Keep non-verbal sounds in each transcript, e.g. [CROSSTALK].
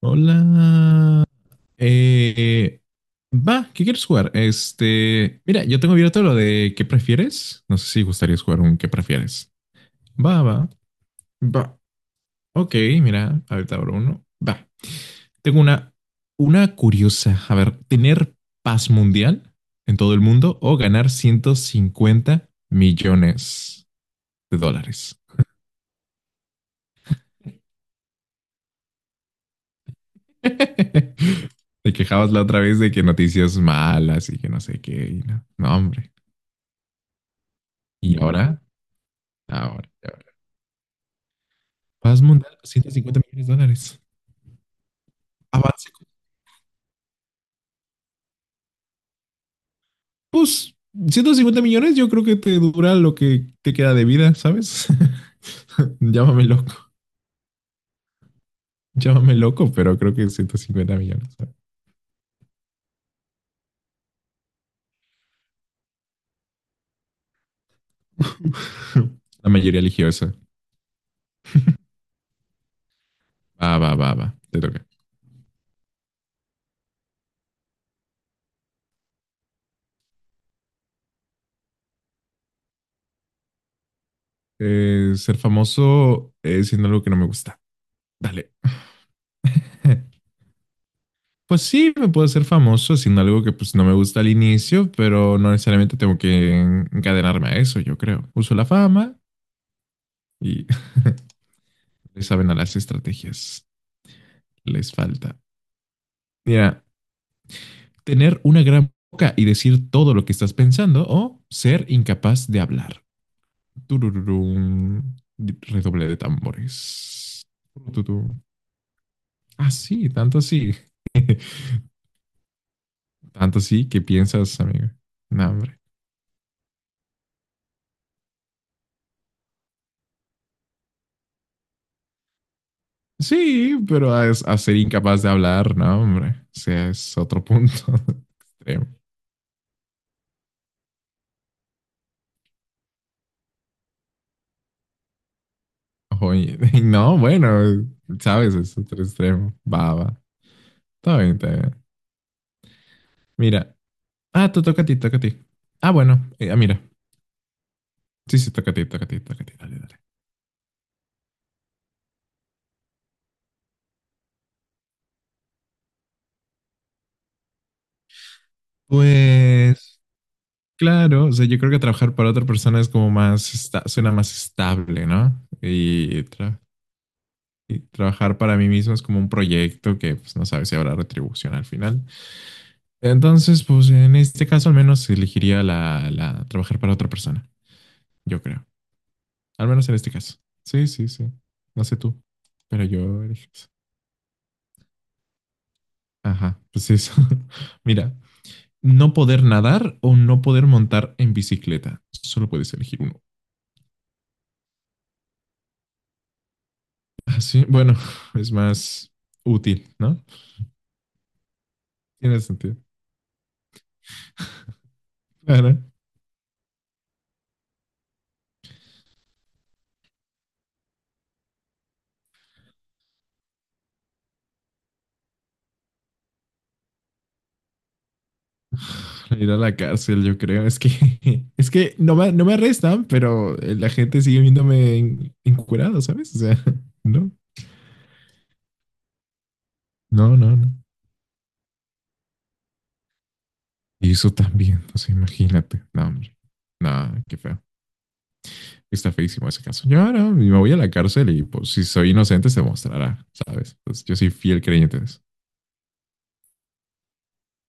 Hola. Eh, eh, va, ¿qué quieres jugar? Este, mira, yo tengo abierto lo de ¿qué prefieres? No sé si gustarías jugar un ¿qué prefieres? Va, va, va. Ok, mira, ahorita abro uno. Va. Tengo una curiosa. A ver, ¿tener paz mundial en todo el mundo o ganar 150 millones de dólares? [LAUGHS] Te quejabas la otra vez de que noticias malas y que no sé qué. Y no, no, hombre. ¿Y ahora? Ahora, ahora. Paz mundial, 150 millones de dólares. Avance. Pues, 150 millones yo creo que te dura lo que te queda de vida, ¿sabes? [LAUGHS] Llámame loco. Llámame loco, pero creo que 150 millones. ¿Sabes? [LAUGHS] La mayoría eligió eso. Va, va, va, va. Te toca. Ser famoso siendo algo que no me gusta. Dale. [LAUGHS] Pues sí, me puedo hacer famoso haciendo algo que pues no me gusta al inicio, pero no necesariamente tengo que encadenarme a eso, yo creo. Uso la fama y [LAUGHS] le saben a las estrategias. Les falta. Mira, tener una gran boca y decir todo lo que estás pensando o ser incapaz de hablar. Turururum. Redoble de tambores. Turururum. Ah, sí, tanto así. Tanto así que piensas, amiga. No, hombre. Sí, pero a ser incapaz de hablar, no, hombre. O sea, es otro punto [LAUGHS] extremo. Oye, no, bueno, sabes, es otro extremo. Va, va. Está bien, está bien. Mira. Ah, tú toca a ti, toca a ti. Ah, bueno. Mira. Sí, sí, toca a ti, toca a ti, toca a ti. Dale, dale. Pues, claro, o sea, yo creo que trabajar para otra persona es como más, suena más estable, ¿no? Y, y trabajar para mí mismo es como un proyecto que, pues, no sabes si habrá retribución al final. Entonces, pues, en este caso al menos elegiría la trabajar para otra persona, yo creo. Al menos en este caso. Sí, sí, sí. No sé tú, pero yo elegí eso. Ajá, pues eso. [LAUGHS] Mira, no poder nadar o no poder montar en bicicleta. Solo puedes elegir uno. Así, bueno, [LAUGHS] es más útil, ¿no? Tiene sentido. Claro, ir a la cárcel, yo creo. Es que, [LAUGHS] es que no me arrestan, pero la gente sigue viéndome encurado, ¿sabes? O sea, [LAUGHS] no, no. Y eso también, o sea, imagínate. No, hombre. No, qué feo. Está feísimo ese caso. Yo ahora no, me voy a la cárcel y pues si soy inocente se mostrará, ¿sabes? Entonces, yo soy fiel creyente de eso.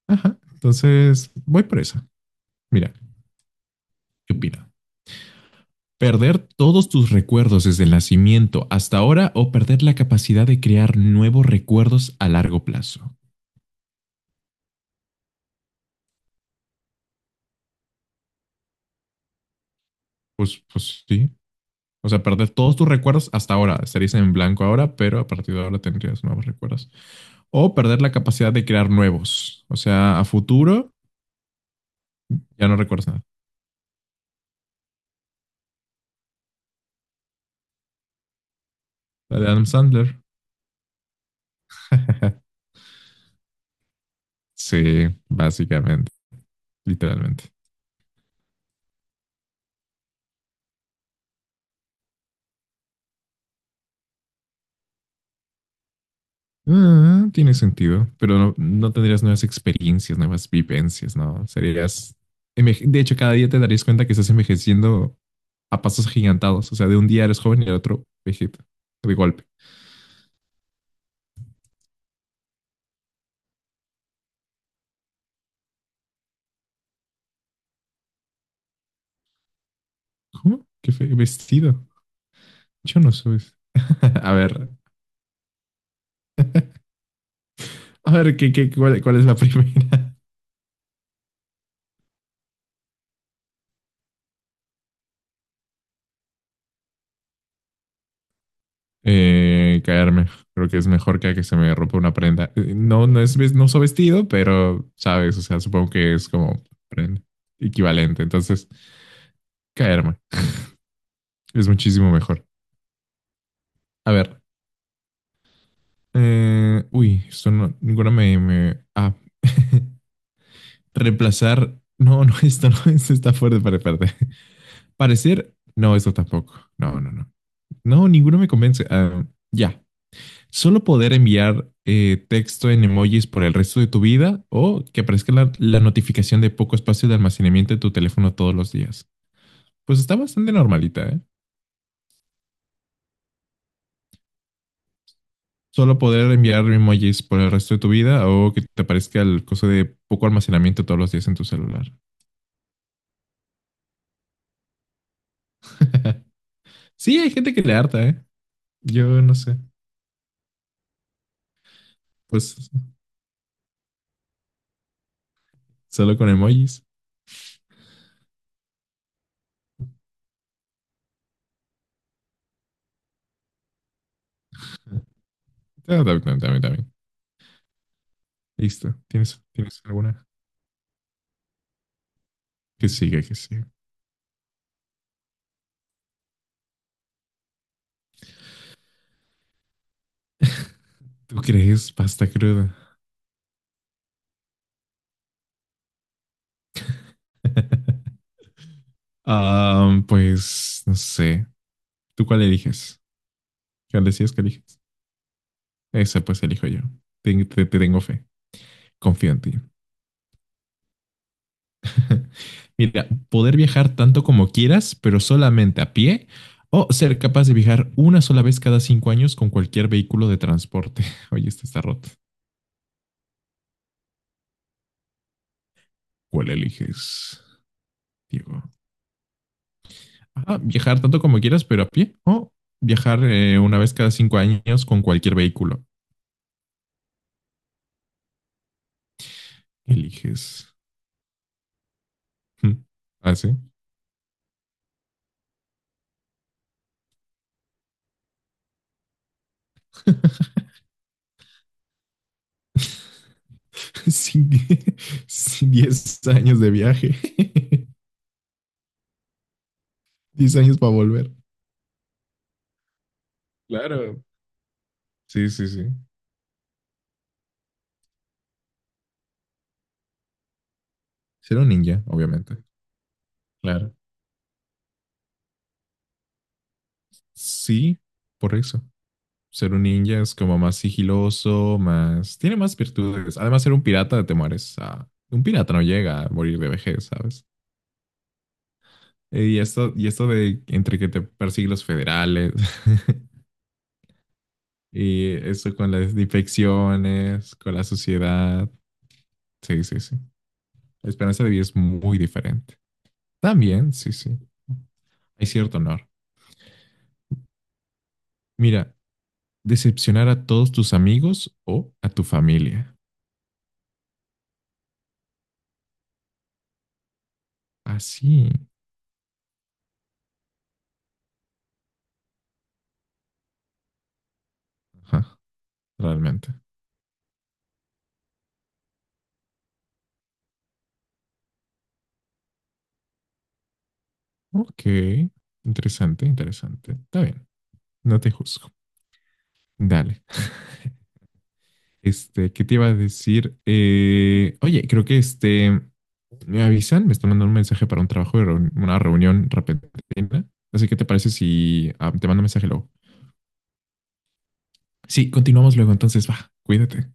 Ajá. Entonces, voy por esa. Mira, ¿qué opina? Perder todos tus recuerdos desde el nacimiento hasta ahora o perder la capacidad de crear nuevos recuerdos a largo plazo. Pues sí. O sea, perder todos tus recuerdos hasta ahora. Estarías en blanco ahora, pero a partir de ahora tendrías nuevos recuerdos. O perder la capacidad de crear nuevos. O sea, a futuro ya no recuerdas nada. La de Adam Sandler. [LAUGHS] Sí, básicamente, literalmente. Ah, tiene sentido, pero no, no tendrías nuevas experiencias, nuevas vivencias, ¿no? Serías... De hecho, cada día te darías cuenta que estás envejeciendo a pasos gigantados. O sea, de un día eres joven y al otro vegeta, de golpe. ¿Cómo? Vestido? Yo no soy... [LAUGHS] A ver, a ver, ¿ cuál es la primera? [LAUGHS] Caerme. Creo que es mejor que se me rompa una prenda. No, no uso vestido, pero sabes, o sea, supongo que es como prenda equivalente. Entonces, caerme. Es muchísimo mejor. A ver. Uy, esto no, ah. [LAUGHS] Reemplazar. No, no, [LAUGHS] esto no, esto está fuerte para parte. Parecer. No, esto tampoco. No, no, no. No, ninguno me convence. Ah, ya. Solo poder enviar texto en emojis por el resto de tu vida o que aparezca la notificación de poco espacio de almacenamiento de tu teléfono todos los días. Pues está bastante normalita, ¿eh? Solo poder enviar emojis por el resto de tu vida o que te aparezca el coso de poco almacenamiento todos los días en tu celular. [LAUGHS] Sí, hay gente que le harta, ¿eh? Yo no sé. Pues solo con emojis. Ah, también, también, también. Listo. ¿Tienes alguna? Que siga, que siga. [LAUGHS] ¿Tú crees pasta cruda? [LAUGHS] Ah, pues no sé. ¿Tú cuál eliges? ¿Cuál decías que eliges? Esa pues elijo yo. Te tengo fe. Confío en ti. [LAUGHS] Mira, poder viajar tanto como quieras, pero solamente a pie, o ser capaz de viajar una sola vez cada 5 años con cualquier vehículo de transporte. [LAUGHS] Oye, este está roto. ¿Cuál eliges, Diego? Ah, viajar tanto como quieras, pero a pie, o viajar una vez cada 5 años con cualquier vehículo. Eliges. Hmm. ¿Ah, sí? [LAUGHS] Sin, die- [LAUGHS] sin 10 años de viaje. [LAUGHS] 10 años para volver. Claro. Sí, sí, sí. Ser un ninja, obviamente. Claro. Sí, por eso. Ser un ninja es como más sigiloso, más... Tiene más virtudes. Además, ser un pirata te mueres. Un pirata no llega a morir de vejez, ¿sabes? Y esto de entre que te persiguen los federales, [LAUGHS] y esto con las infecciones, con la sociedad. Sí, sí, sí. La esperanza de vida es muy diferente. También, sí, sí. Hay cierto honor. Mira, decepcionar a todos tus amigos o a tu familia. Así. Ajá, realmente. Ok. Interesante, interesante. Está bien. No te juzgo. Dale. Este, ¿qué te iba a decir? Oye, creo que este. Me avisan, me están mandando un mensaje para un trabajo de una reunión repentina. Así que, ¿te parece si te mando un mensaje luego? Sí, continuamos luego. Entonces, va, cuídate.